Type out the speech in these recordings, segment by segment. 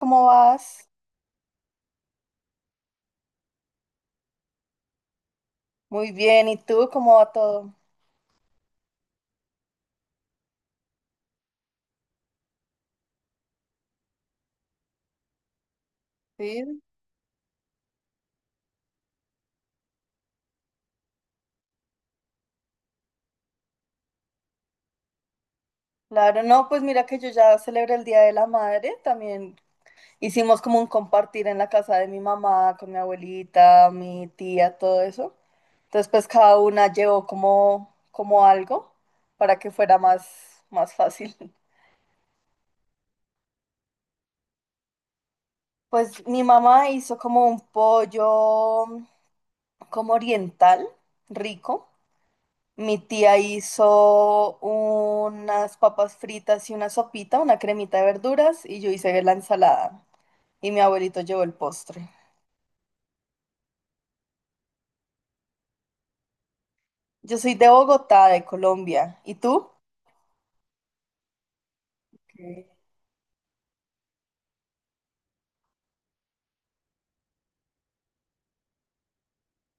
¿Cómo vas? Muy bien, ¿y tú cómo va todo? Sí, claro, no, pues mira que yo ya celebré el Día de la Madre, también hicimos como un compartir en la casa de mi mamá, con mi abuelita, mi tía, todo eso. Entonces, pues cada una llevó como algo para que fuera más fácil. Pues mi mamá hizo como un pollo como oriental, rico. Mi tía hizo unas papas fritas y una sopita, una cremita de verduras y yo hice la ensalada. Y mi abuelito llevó el postre. Yo soy de Bogotá, de Colombia. ¿Y tú? Ok.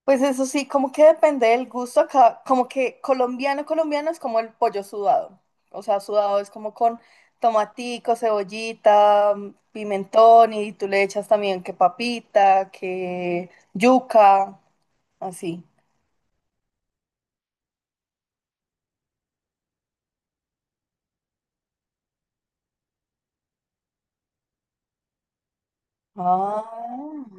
Pues eso sí, como que depende del gusto acá, como que colombiano, colombiano es como el pollo sudado. O sea, sudado es como con tomatico, cebollita, pimentón y tú le echas también que papita, que yuca, así. Ah,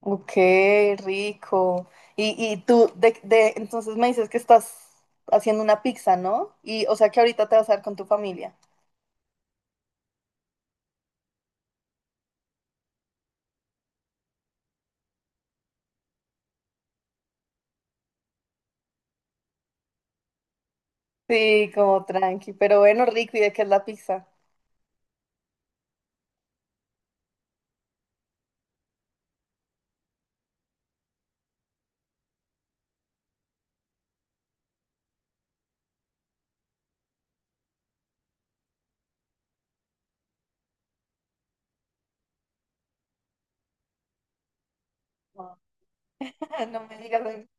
ok, rico. Y tú, entonces me dices que estás haciendo una pizza, ¿no? Y, o sea, que ahorita te vas a ver con tu familia. Sí, como tranqui, pero bueno, rico, ¿y de qué es la pizza? No. No me digas.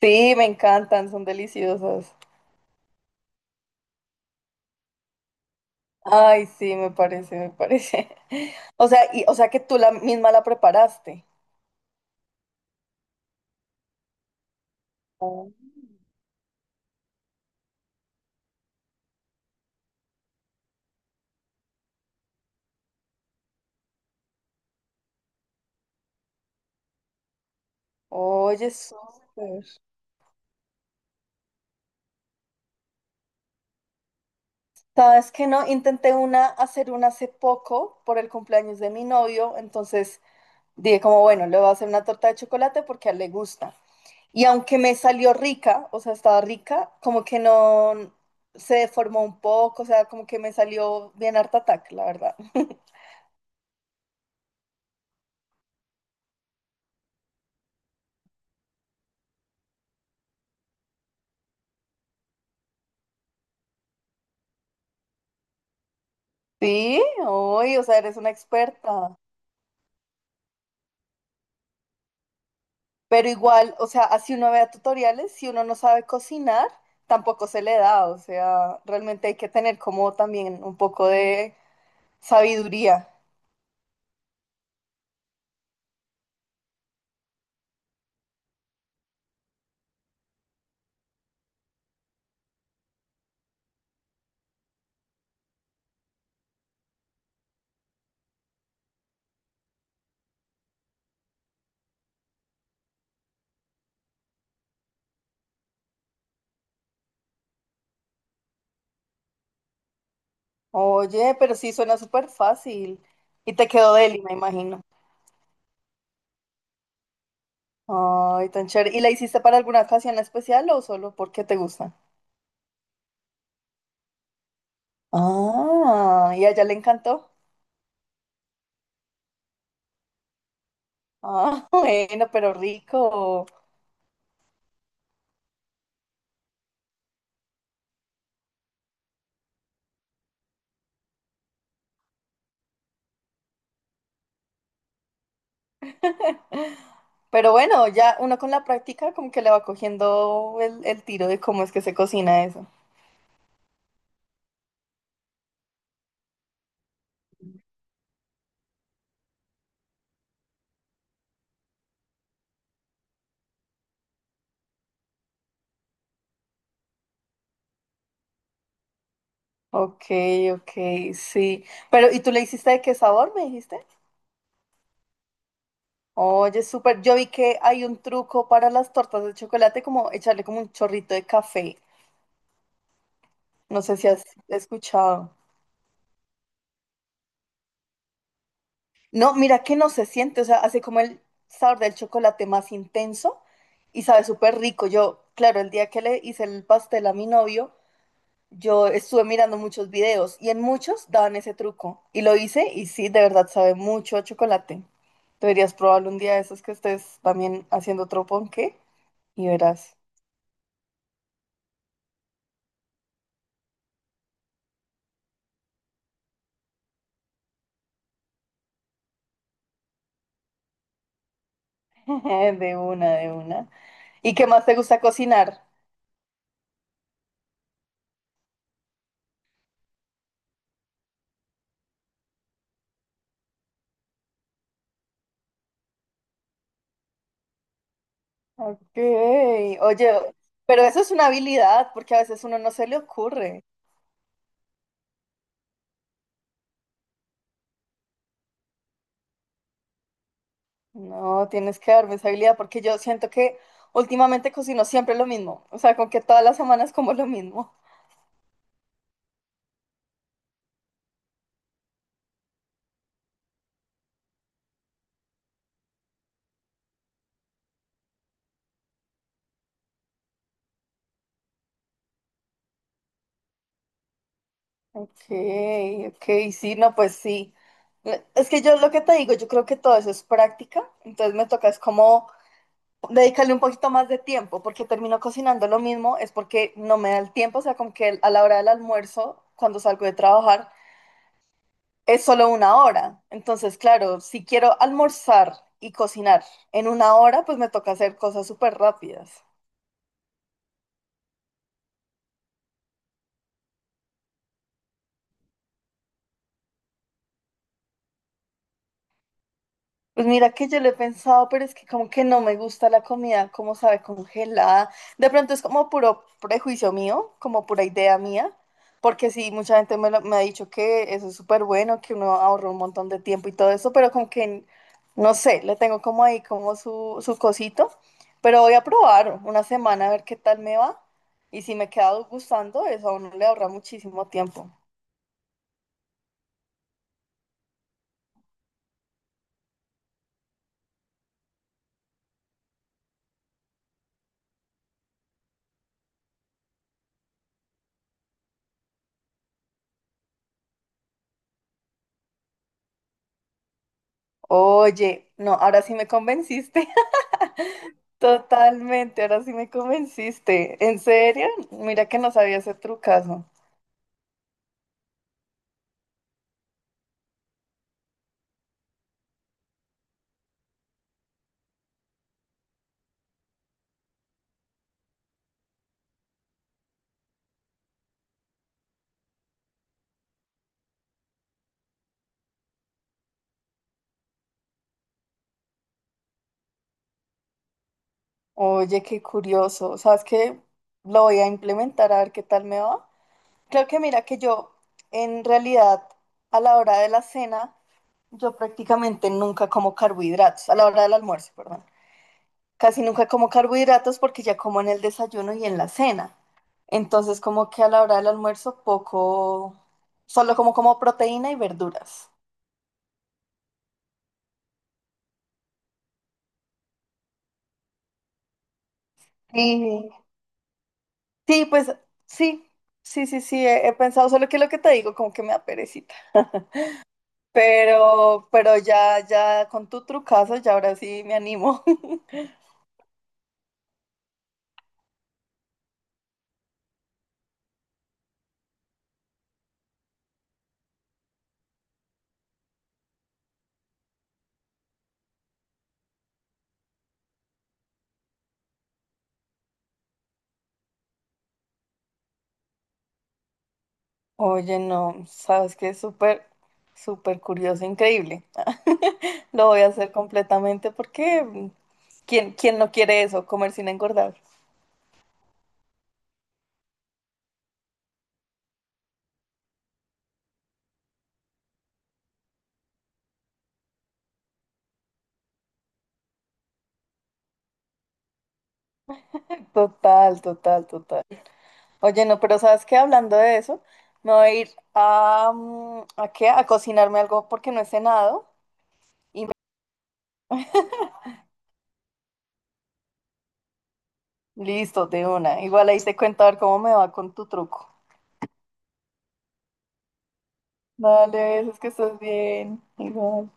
Sí, me encantan, son deliciosas. Ay, sí, me parece, me parece. O sea, y, o sea que tú la misma la preparaste. Oh. Oye, súper. Sabes que no, intenté hacer una hace poco por el cumpleaños de mi novio, entonces dije como, bueno, le voy a hacer una torta de chocolate porque a él le gusta. Y aunque me salió rica, o sea, estaba rica, como que no se deformó un poco, o sea, como que me salió bien art attack la verdad. Sí, hoy, o sea, eres una experta. Pero igual, o sea, así uno vea tutoriales, si uno no sabe cocinar, tampoco se le da, o sea, realmente hay que tener como también un poco de sabiduría. Oye, pero sí suena súper fácil. Y te quedó Deli, me imagino. Ay, tan chévere. ¿Y la hiciste para alguna ocasión especial o solo porque te gusta? Ah, y a ella le encantó. Ah, bueno, pero rico. Pero bueno, ya uno con la práctica como que le va cogiendo el tiro de cómo es que se cocina eso. Ok, ok, sí. Pero, ¿y tú le hiciste de qué sabor, me dijiste? Oye, súper. Yo vi que hay un truco para las tortas de chocolate, como echarle como un chorrito de café. No sé si has escuchado. No, mira que no se siente, o sea, hace como el sabor del chocolate más intenso y sabe súper rico. Yo, claro, el día que le hice el pastel a mi novio, yo estuve mirando muchos videos y en muchos daban ese truco. Y lo hice y sí, de verdad sabe mucho a chocolate. Deberías probarlo un día de esos que estés también haciendo otro ponqué y verás. De una, de una. ¿Y qué más te gusta cocinar? Ok, oye, pero eso es una habilidad, porque a veces uno no se le ocurre. No, tienes que darme esa habilidad, porque yo siento que últimamente cocino siempre lo mismo, o sea, con que todas las semanas como lo mismo. Ok, ok, sí, no, pues sí. Es que yo lo que te digo, yo creo que todo eso es práctica, entonces me toca es como dedicarle un poquito más de tiempo, porque termino cocinando lo mismo, es porque no me da el tiempo, o sea, como que a la hora del almuerzo, cuando salgo de trabajar, es solo una hora. Entonces, claro, si quiero almorzar y cocinar en una hora, pues me toca hacer cosas súper rápidas. Pues mira que yo lo he pensado, pero es que como que no me gusta la comida, como sabe, congelada. De pronto es como puro prejuicio mío, como pura idea mía, porque sí, mucha gente me ha dicho que eso es súper bueno, que uno ahorra un montón de tiempo y todo eso, pero como que, no sé, le tengo como ahí como su cosito, pero voy a probar una semana a ver qué tal me va y si me queda gustando, eso a uno le ahorra muchísimo tiempo. Oye, no, ahora sí me convenciste. Totalmente, ahora sí me convenciste. ¿En serio? Mira que no sabía ese trucazo. Oye, qué curioso. ¿Sabes qué? Lo voy a implementar a ver qué tal me va. Creo que mira que yo, en realidad, a la hora de la cena, yo prácticamente nunca como carbohidratos, a la hora del almuerzo, perdón. Casi nunca como carbohidratos porque ya como en el desayuno y en la cena. Entonces, como que a la hora del almuerzo, poco, solo como como proteína y verduras. Sí, sí, pues sí, sí, sí, sí, he pensado, solo que lo que te digo, como que me da perecita. Pero ya, ya con tu trucazo, ya ahora sí me animo. Oye, no, sabes que es súper, súper curioso, increíble. Lo voy a hacer completamente porque ¿quién no quiere eso? Comer sin engordar. Total, total, total. Oye, no, pero sabes que hablando de eso, me voy a ir ¿a qué? A cocinarme algo porque no he cenado. Listo, de una. Igual ahí te cuento a ver cómo me va con tu truco. Dale, es que estás bien. Igual.